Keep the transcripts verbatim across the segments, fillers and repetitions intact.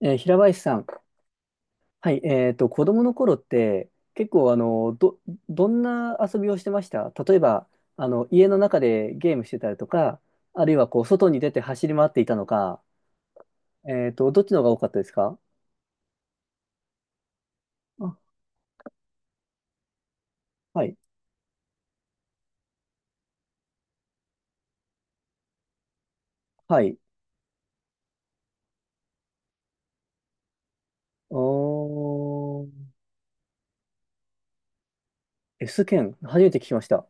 えー平林さん、はい、えっと、子供の頃って結構あの、ど、どんな遊びをしてました？例えば、あの、家の中でゲームしてたりとか、あるいはこう、外に出て走り回っていたのか、えっと、どっちの方が多かったですか？あ、はい、はい。おー、S 剣、初めて聞きました。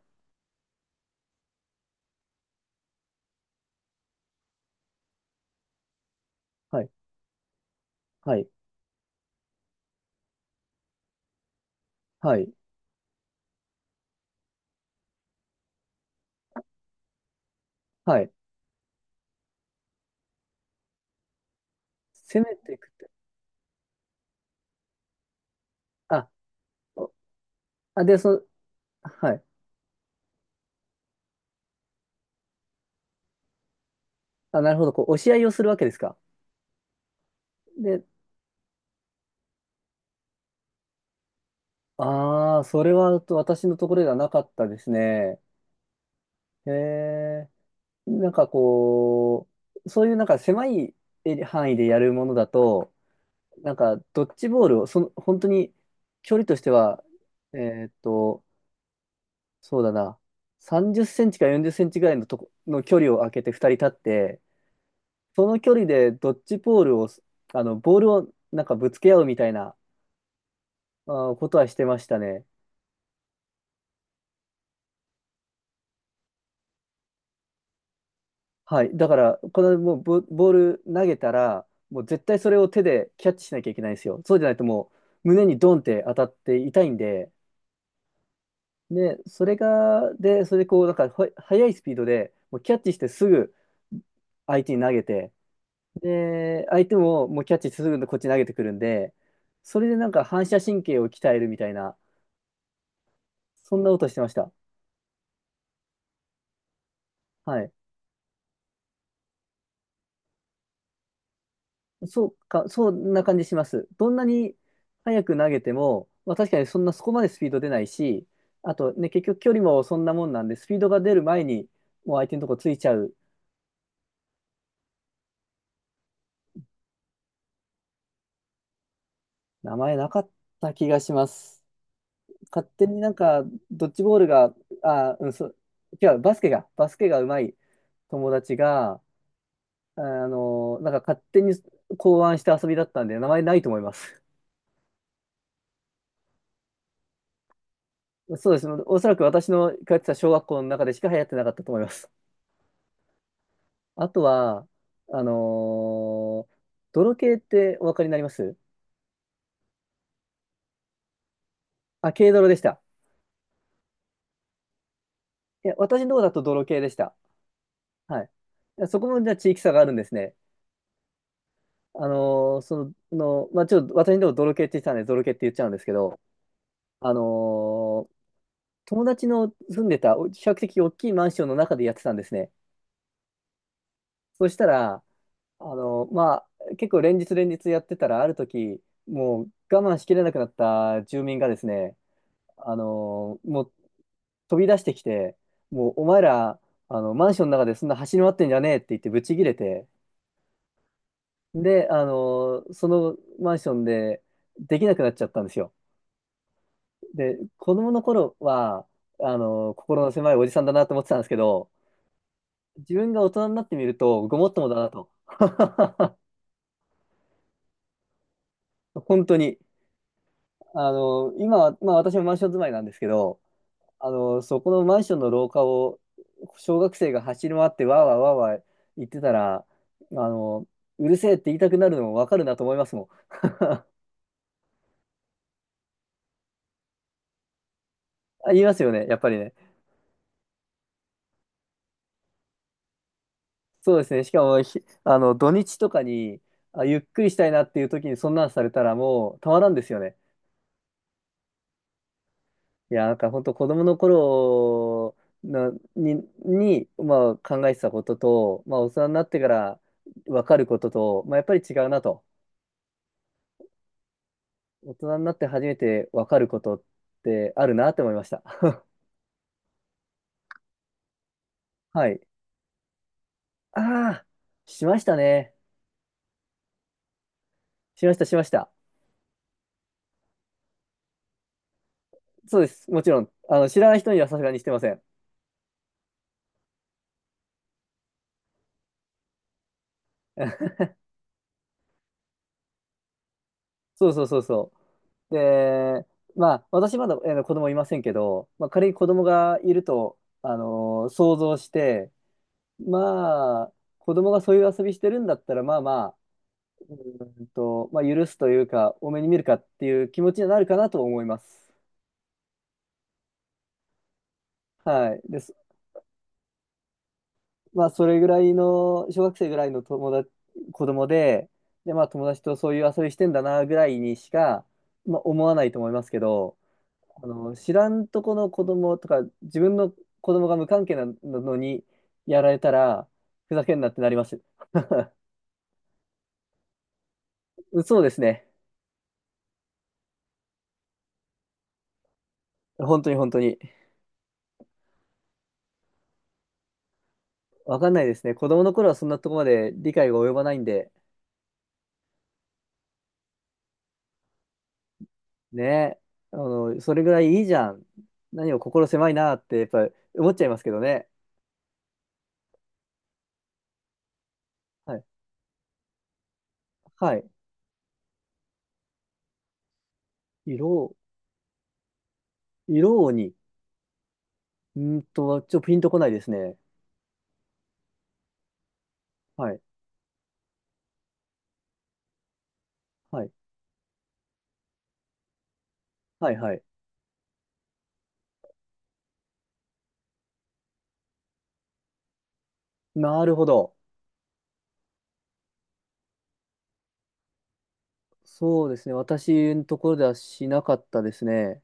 はい、はい、はい、はい。攻めていくって、あ、お、あ、で、その、はい。あ、なるほど、こう、押し合いをするわけですか。で、ああ、それはと私のところではなかったですね。へえ。なんかこう、そういうなんか狭いエリ範囲でやるものだと、なんかドッジボールを、その、本当に距離としては、えーっと、そうだな、さんじゅっセンチかよんじゅっセンチぐらいのとこ、の距離を空けてふたり立って、その距離でドッジボールを、あの、ボールをなんかぶつけ合うみたいな、あーことはしてましたね。はい。だから、このもうボ、ボール投げたら、もう絶対それを手でキャッチしなきゃいけないんですよ。そうじゃないともう胸にドンって当たって痛いんで、で、それが、で、それでこう、なんか、ほ速いスピードで、もうキャッチしてすぐ相手に投げて、で、相手ももうキャッチしてすぐこっちに投げてくるんで、それでなんか反射神経を鍛えるみたいな、そんなことしてました。はい。そうか、そんな感じします。どんなに早く投げても、まあ、確かにそんなそこまでスピード出ないし、あとね、結局距離もそんなもんなんで、スピードが出る前にもう相手のとこついちゃう。名前なかった気がします。勝手になんか、ドッジボールが、あ、うん、そう、違う、バスケが、バスケがうまい友達が、あの、なんか勝手に考案した遊びだったんで、名前ないと思います。そうです。おそらく私の通ってた小学校の中でしか流行ってなかったと思います。あとは、あのー泥系ってお分かりになります？あ、軽泥でした。いや、私のとこだと泥系でした。はい。いやそこもじゃあ地域差があるんですね。あのーその、の、まあ、ちょっと私のとこ泥系って言ってたんで、泥系って言っちゃうんですけど、あのー友達の住んでた、お比較的大きいマンションの中でやってたんですね。そしたら、あのーまあ、結構連日連日やってたら、ある時、もう我慢しきれなくなった住民がですね、あのーもう飛び出してきて、もうお前ら、あの、マンションの中でそんな走り回ってんじゃねえって言ってブチ切れて、で、あの、そのマンションでできなくなっちゃったんですよ。で、子供の頃は、あの、心の狭いおじさんだなと思ってたんですけど、自分が大人になってみると、ごもっともだなと。本当に。あの、今は、まあ私もマンション住まいなんですけど、あの、そこのマンションの廊下を小学生が走り回ってわーわーわーわー言ってたら、あの、うるせえって言いたくなるのもわかるなと思いますもん。あ、言いますよね、やっぱりね。そうですね。しかも、ひあの、土日とかに、あ、ゆっくりしたいなっていう時にそんなんされたらもうたまらんですよね。いや、なんか本当子供の頃なに、に、まあ考えてたことと、まあ大人になってからわかることと、まあやっぱり違うなと。大人になって初めて分かることってあるなって思いました。はい。ああ、しましたね。しました、しました。そうです。もちろん、あの、知らない人にはさすがにしてません。そうそうそうそう。で、まあ、私まだ、えー子供いませんけど、まあ、仮に子供がいると、あのー想像して、まあ、子供がそういう遊びしてるんだったら、まあまあ、うーんと、まあ、許すというか、多めに見るかっていう気持ちになるかなと思います。はい。で、まあ、それぐらいの、小学生ぐらいの友達、子供で、で、まあ、友達とそういう遊びしてんだな、ぐらいにしか、まあ、思わないと思いますけど、あの、知らんとこの子供とか、自分の子供が無関係なのにやられたら、ふざけんなってなります。そうですね。本当に本当に。わかんないですね。子供の頃はそんなとこまで理解が及ばないんで、ね、あの、それぐらいいいじゃん。何を心狭いなって、やっぱり思っちゃいますけどね。はい。はい。色、色に、んーんとは、ちょっとピンとこないですね。はい。はい。はい、はい。なるほど。そうですね。私のところではしなかったですね。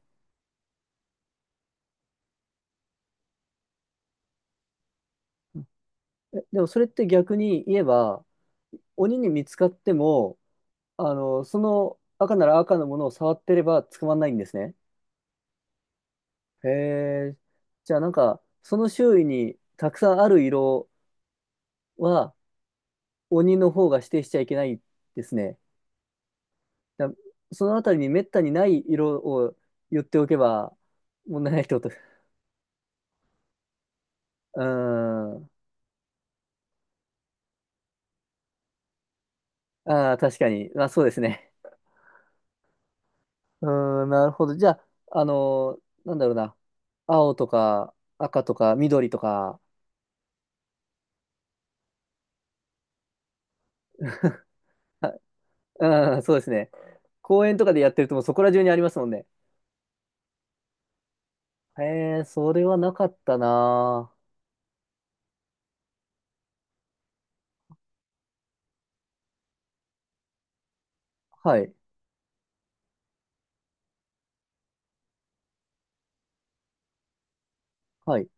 え、でもそれって逆に言えば、鬼に見つかっても、あの、その赤なら赤のものを触ってれば捕まらないんですね。へえ。じゃあなんか、その周囲にたくさんある色は、鬼の方が指定しちゃいけないですね。だそのあたりにめったにない色を言っておけば問題ないってこと。うーん。ああ、確かに。まあ、そうですね。うーん、なるほど。じゃあ、あのーなんだろうな。青とか赤とか緑とか。あうん、そうですね。公園とかでやってるともうそこら中にありますもんね。へえ、それはなかったな。はい。はい。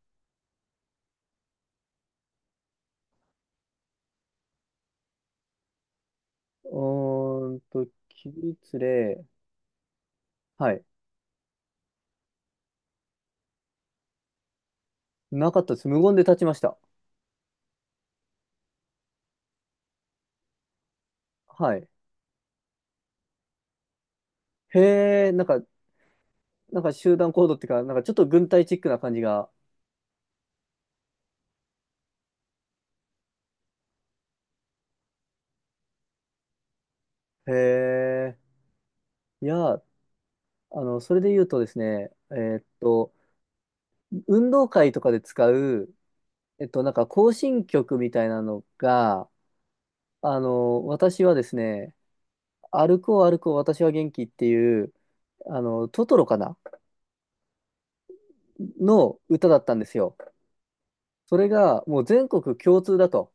うーんと、起立例。はい。なかったです。無言で立ちました。はい。へえ、なんか、なんか集団行動っていうか、なんかちょっと軍隊チックな感じが。へえ。いや、あの、それで言うとですね、えーっと、運動会とかで使う、えっと、なんか行進曲みたいなのが、あの、私はですね、歩こう歩こう私は元気っていう、あの、トトロかなの歌だったんですよ。それがもう全国共通だと。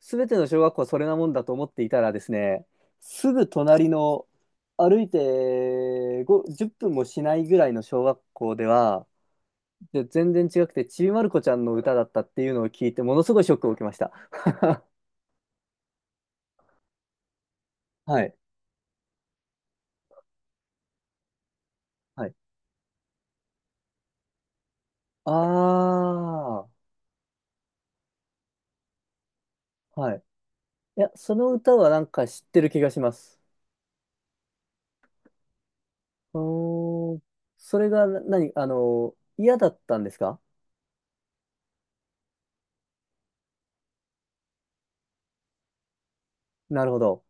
すべての小学校はそれなもんだと思っていたらですね、すぐ隣の歩いてごじゅっぷんもしないぐらいの小学校では、で全然違くて、ちびまる子ちゃんの歌だったっていうのを聞いて、ものすごいショックを受けました。はい。はい。ああ、はい。いや、その歌はなんか知ってる気がします。うーん。それがな何、あの、嫌だったんですか？なるほど。